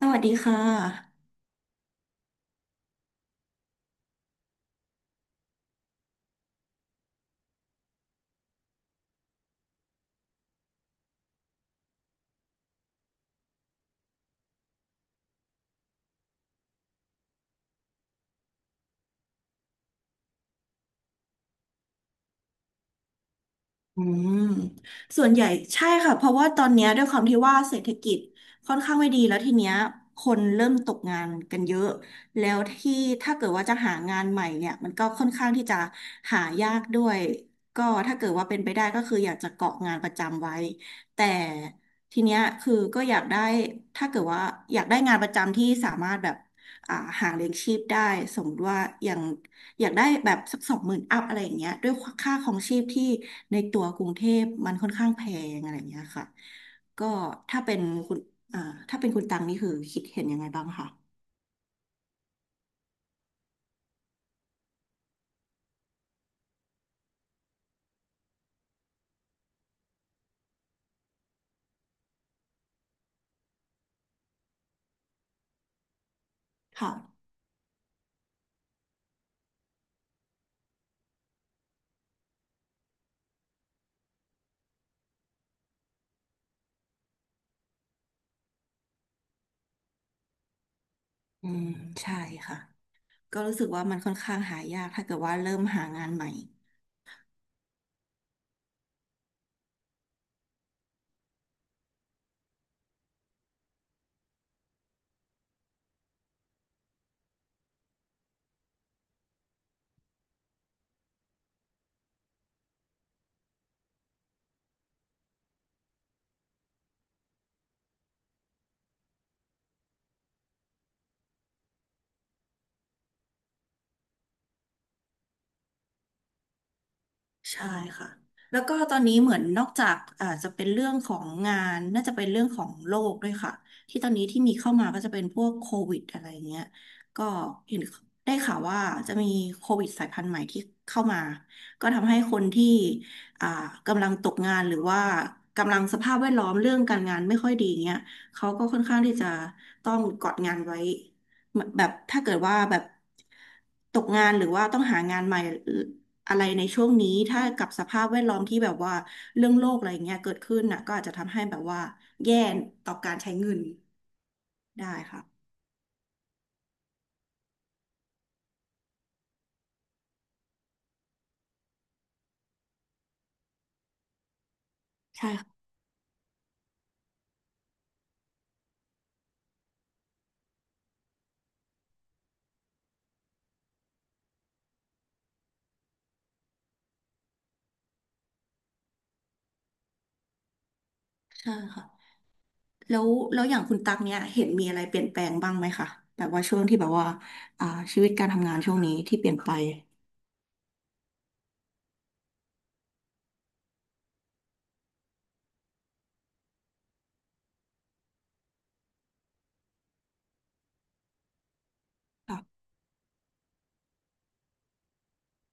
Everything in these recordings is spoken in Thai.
สวัสดีค่ะอืมส่วนใหญ่ใช่ค่ะ เพราะว่าตอนเนี้ยด้วยความที่ว่าเศรษฐกิจค่อนข้างไม่ดีแล้วทีเนี้ยคนเริ่มตกงานกันเยอะแล้วที่ถ้าเกิดว่าจะหางานใหม่เนี่ยมันก็ค่อนข้างที่จะหายากด้วยก็ถ้าเกิดว่าเป็นไปได้ก็คืออยากจะเกาะงานประจำไว้แต่ทีเนี้ยคือก็อยากได้ถ้าเกิดว่าอยากได้งานประจำที่สามารถแบบอ่าหาเลี้ยงชีพได้สมมติว่าอย่าง อยากได้แบบสัก20,000อัพอะไรอย่างเงี้ยด้วยค่าของชีพที่ในตัวกรุงเทพมันค่อนข้างแพงอะไรอย่างเงี้ยค่ะก็ถ้าเป็นคุณอ่าถ้าเป็นคุณตังนี่คือคิดเห็นยังไงบ้างคะค่ะอืมใช่ค่ะก็รู้สึกว่ามันค่อนข้างหายากถ้าเกิดว่าเริ่มหางานใหม่ ใช่ค่ะแล้วก็ตอนนี้เหมือนนอกจากอาจจะเป็นเรื่องของงานน่าจะเป็นเรื่องของโรคด้วยค่ะที่ตอนนี้ที่มีเข้ามาก็จะเป็นพวกโควิดอะไรเงี้ย ก็เห็นได้ข่าวว่าจะมีโควิดสายพันธุ์ใหม่ที่เข้ามาก็ทำให้คนที่อ่ากำลังตกงานหรือว่ากำลังสภาพแวดล้อมเรื่องการงานไม่ค่อยดีเงี้ยเขาก็ค่อนข้างที่จะต้องกอดงานไว้ เหมือนแบบถ้าเกิดว่าแบบตกงานหรือว่าต้องหางานใหม่อะไรในช่วงนี้ถ้ากับสภาพแวดล้อมที่แบบว่าเรื่องโลกอะไรเงี้ยเกิดขึ้นน่ะก็อาจจะทำให้แบบว่าแย่ต่อการใช้เงินได้ค่ะใช่ค่ะใช่ค่ะแล้วแล้วอย่างคุณตักเนี่ยเห็นมีอะไรเปลี่ยนแปลงบ้างไหมคะแบบว่าช่วงที่แบบว่าอ่าชีวิตการทำงานช่วงนี้ที่เปลี่ยนไปค่ะ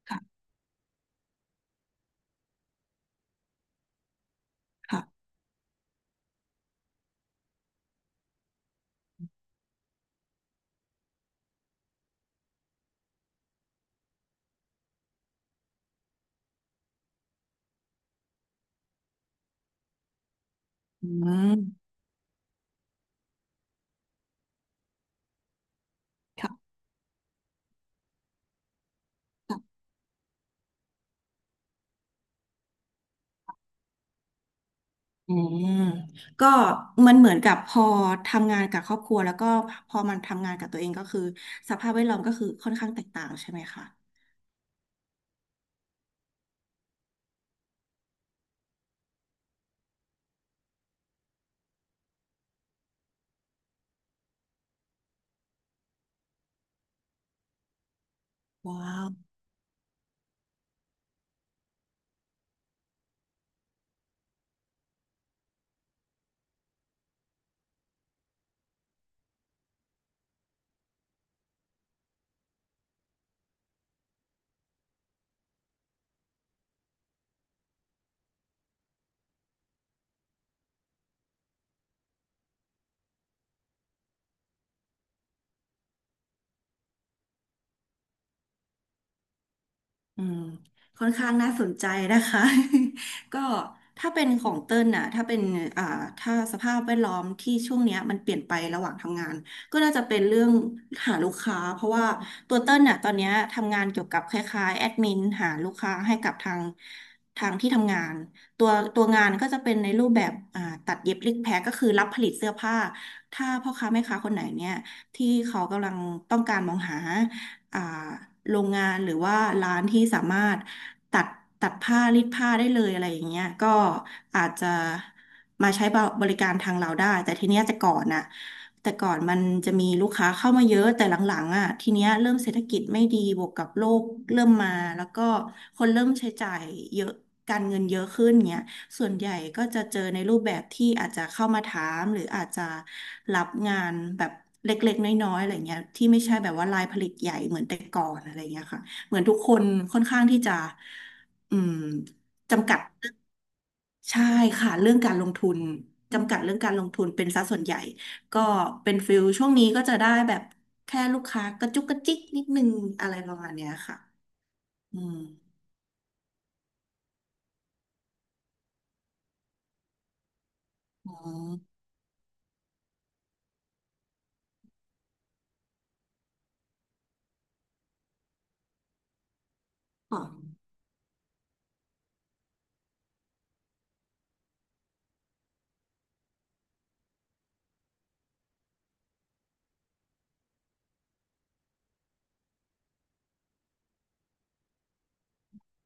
ค่ะค่ะอืมค่ะ อืมก็มันเหมือนกับพอทำงานกับครอบครัวแล้วก็พอมันทำงานกับตัวเองก็คือสภาพแวดล้อมก็คือค่อนข้างแตกต่างใช่ไหมคะว้าว อืมค่อนข้างน่าสนใจนะคะ ก็ถ้าเป็นของเติ้ลน่ะถ้าเป็นอ่าถ้าสภาพแวดล้อมที่ช่วงเนี้ยมันเปลี่ยนไประหว่างทำงานก็น่าจะเป็นเรื่องหาลูกค้าเพราะว่าตัวเติ้ลน่ะตอนเนี้ยทำงานเกี่ยวกับคล้ายๆแอดมินหาลูกค้าให้กับทางที่ทำงานตัวตัวงานก็จะเป็นในรูปแบบอ่าตัดเย็บริกแพ็คก็คือรับผลิตเสื้อผ้าถ้าพ่อค้าแม่ค้าคนไหนเนี่ยที่เขากำลังต้องการมองหา อ่าโรงงานหรือว่าร้านที่สามารถตัดตัดผ้ารีดผ้าได้เลยอะไรอย่างเงี้ยก็อาจจะมาใช้บริการทางเราได้แต่ทีเนี้ยแต่ก่อนมันจะมีลูกค้าเข้ามาเยอะแต่หลังๆอ่ะทีเนี้ยเริ่มเศรษฐกิจไม่ดีบวกกับโลกเริ่มมาแล้วก็คนเริ่มใช้จ่ายเยอะการเงินเยอะขึ้นเงี้ยส่วนใหญ่ก็จะเจอในรูปแบบที่อาจจะเข้ามาถามหรืออาจจะรับงานแบบ เล็กๆน้อยๆอะไรเงี้ยที่ไม่ใช่แบบว่ารายผลิตใหญ่เหมือนแต่ก่อนอะไรเงี้ยค่ะเหมือนทุกคนค่อนข้างที่จะอืมจำกัดใช่ค่ะเรื่องการลงทุนจำกัดเรื่องการลงทุนเป็นซะส่วนใหญ่ก็เป็นฟิลช่วงนี้ก็จะได้แบบแค่ลูกค้ากระจุกกระจิกนิดนึงอะไรประมาณเนี้ยค่ะอืมอ๋อ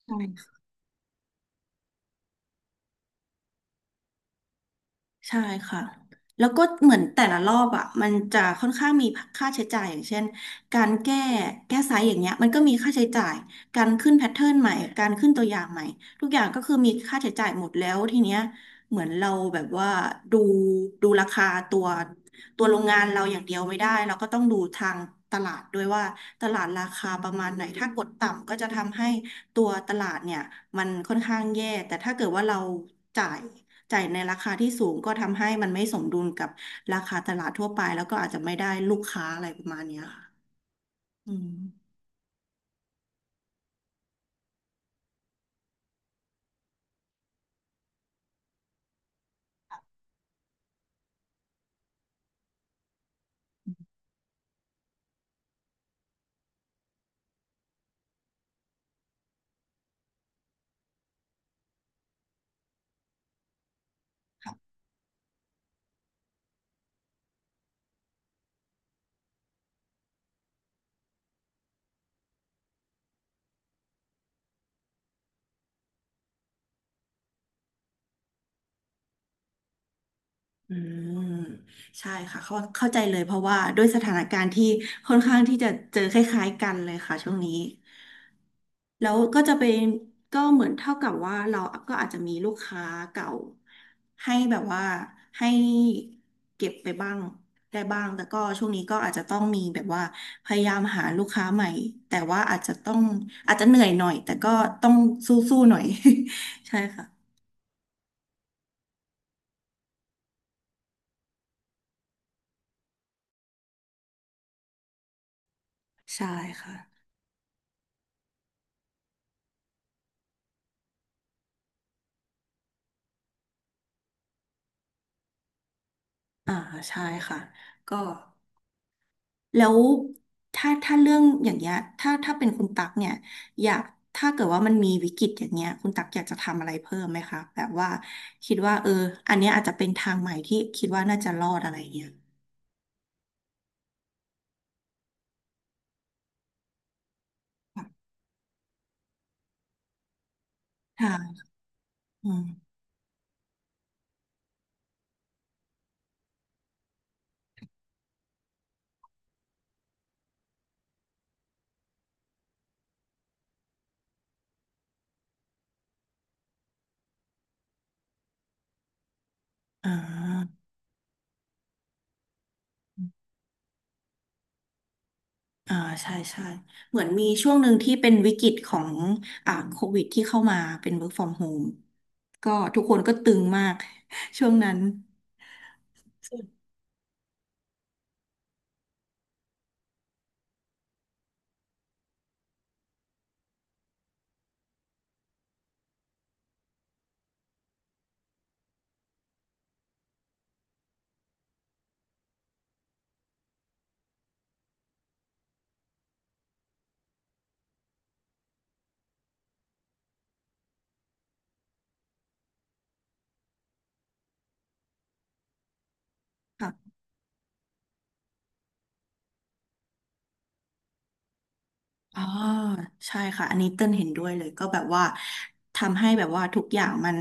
ค่ะ ใช่ค่ะแล้วก็เหมือนแต่ละรอบอ่ะมันจะค่อนข้างมีค่าใช้จ่ายอย่างเช่นการแก้ไซส์อย่างเงี้ยมันก็มีค่าใช้จ่าย การขึ้นแพทเทิร์นใหม่ การขึ้นตัวอย่างใหม่ ทุกอย่างก็คือมีค่าใช้จ่ายหมดแล้วทีเนี้ยเหมือนเราแบบว่าดูดูราคาตัวตัวโรงงานเราอย่างเดียวไม่ได้เราก็ต้องดูทางตลาดด้วยว่าตลาดราคาประมาณไหนถ้ากดต่ำก็จะทำให้ตัวตลาดเนี่ยมันค่อนข้างแย่แต่ถ้าเกิดว่าเราจ่าย จ่ายในราคาที่สูงก็ทำให้มันไม่สมดุลกับราคาตลาดทั่วไปแล้วก็อาจจะไม่ได้ลูกค้าอะไรประมาณเนี้ยค่ะอืมอืมใช่ค่ะเข้าใจเลยเพราะว่าด้วยสถานการณ์ที่ค่อนข้างที่จะเจอคล้ายๆกันเลยค่ะช่วงนี้ แล้วก็จะเป็นก็เหมือนเท่ากับว่าเราก็อาจจะมีลูกค้าเก่าให้แบบว่าให้เก็บไปบ้างได้บ้างแต่ก็ช่วงนี้ก็อาจจะต้องมีแบบว่าพยายามหาลูกค้าใหม่แต่ว่าอาจจะต้องอาจจะเหนื่อยหน่อยแต่ก็ต้องสู้ๆหน่อย ใช่ค่ะใช่ค่ะอ่าใช่ค่ะก็ แล้วถ้าเรื่องอย่างเงี้ยถ้าเป็นคุณตักเนี่ยอยากถ้าเกิดว่ามันมีวิกฤตอย่างเงี้ยคุณตักอยากจะทำอะไรเพิ่มไหมคะแบบว่าคิดว่าเอออันเนี้ยอาจจะเป็นทางใหม่ที่คิดว่าน่าจะรอดอะไรเงี้ยค่ะอืมอ่าอ่าใช่ใช่เหมือนมีช่วงหนึ่งที่เป็นวิกฤตของโควิดที่เข้ามาเป็น work from home ก็ทุกคนก็ตึงมาก ช่วงนั้น อ๋อใช่ค่ะอันนี้เต้นเห็นด้วยเลยก็แบบว่าทำให้แบบว่าทุกอย่างมัน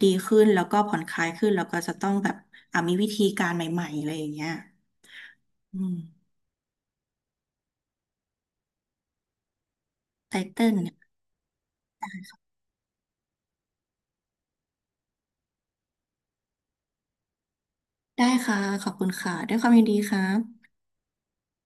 ดีขึ้นแล้วก็ผ่อนคลายขึ้นแล้วก็จะต้องแบบอ่ะมีวิธีการใหม่ๆอะไรอย่างเงี้ยอืมไตเติ้ลเนี่ยได้ค่ะขอบคุณค่ะด้วยความยินดีครับ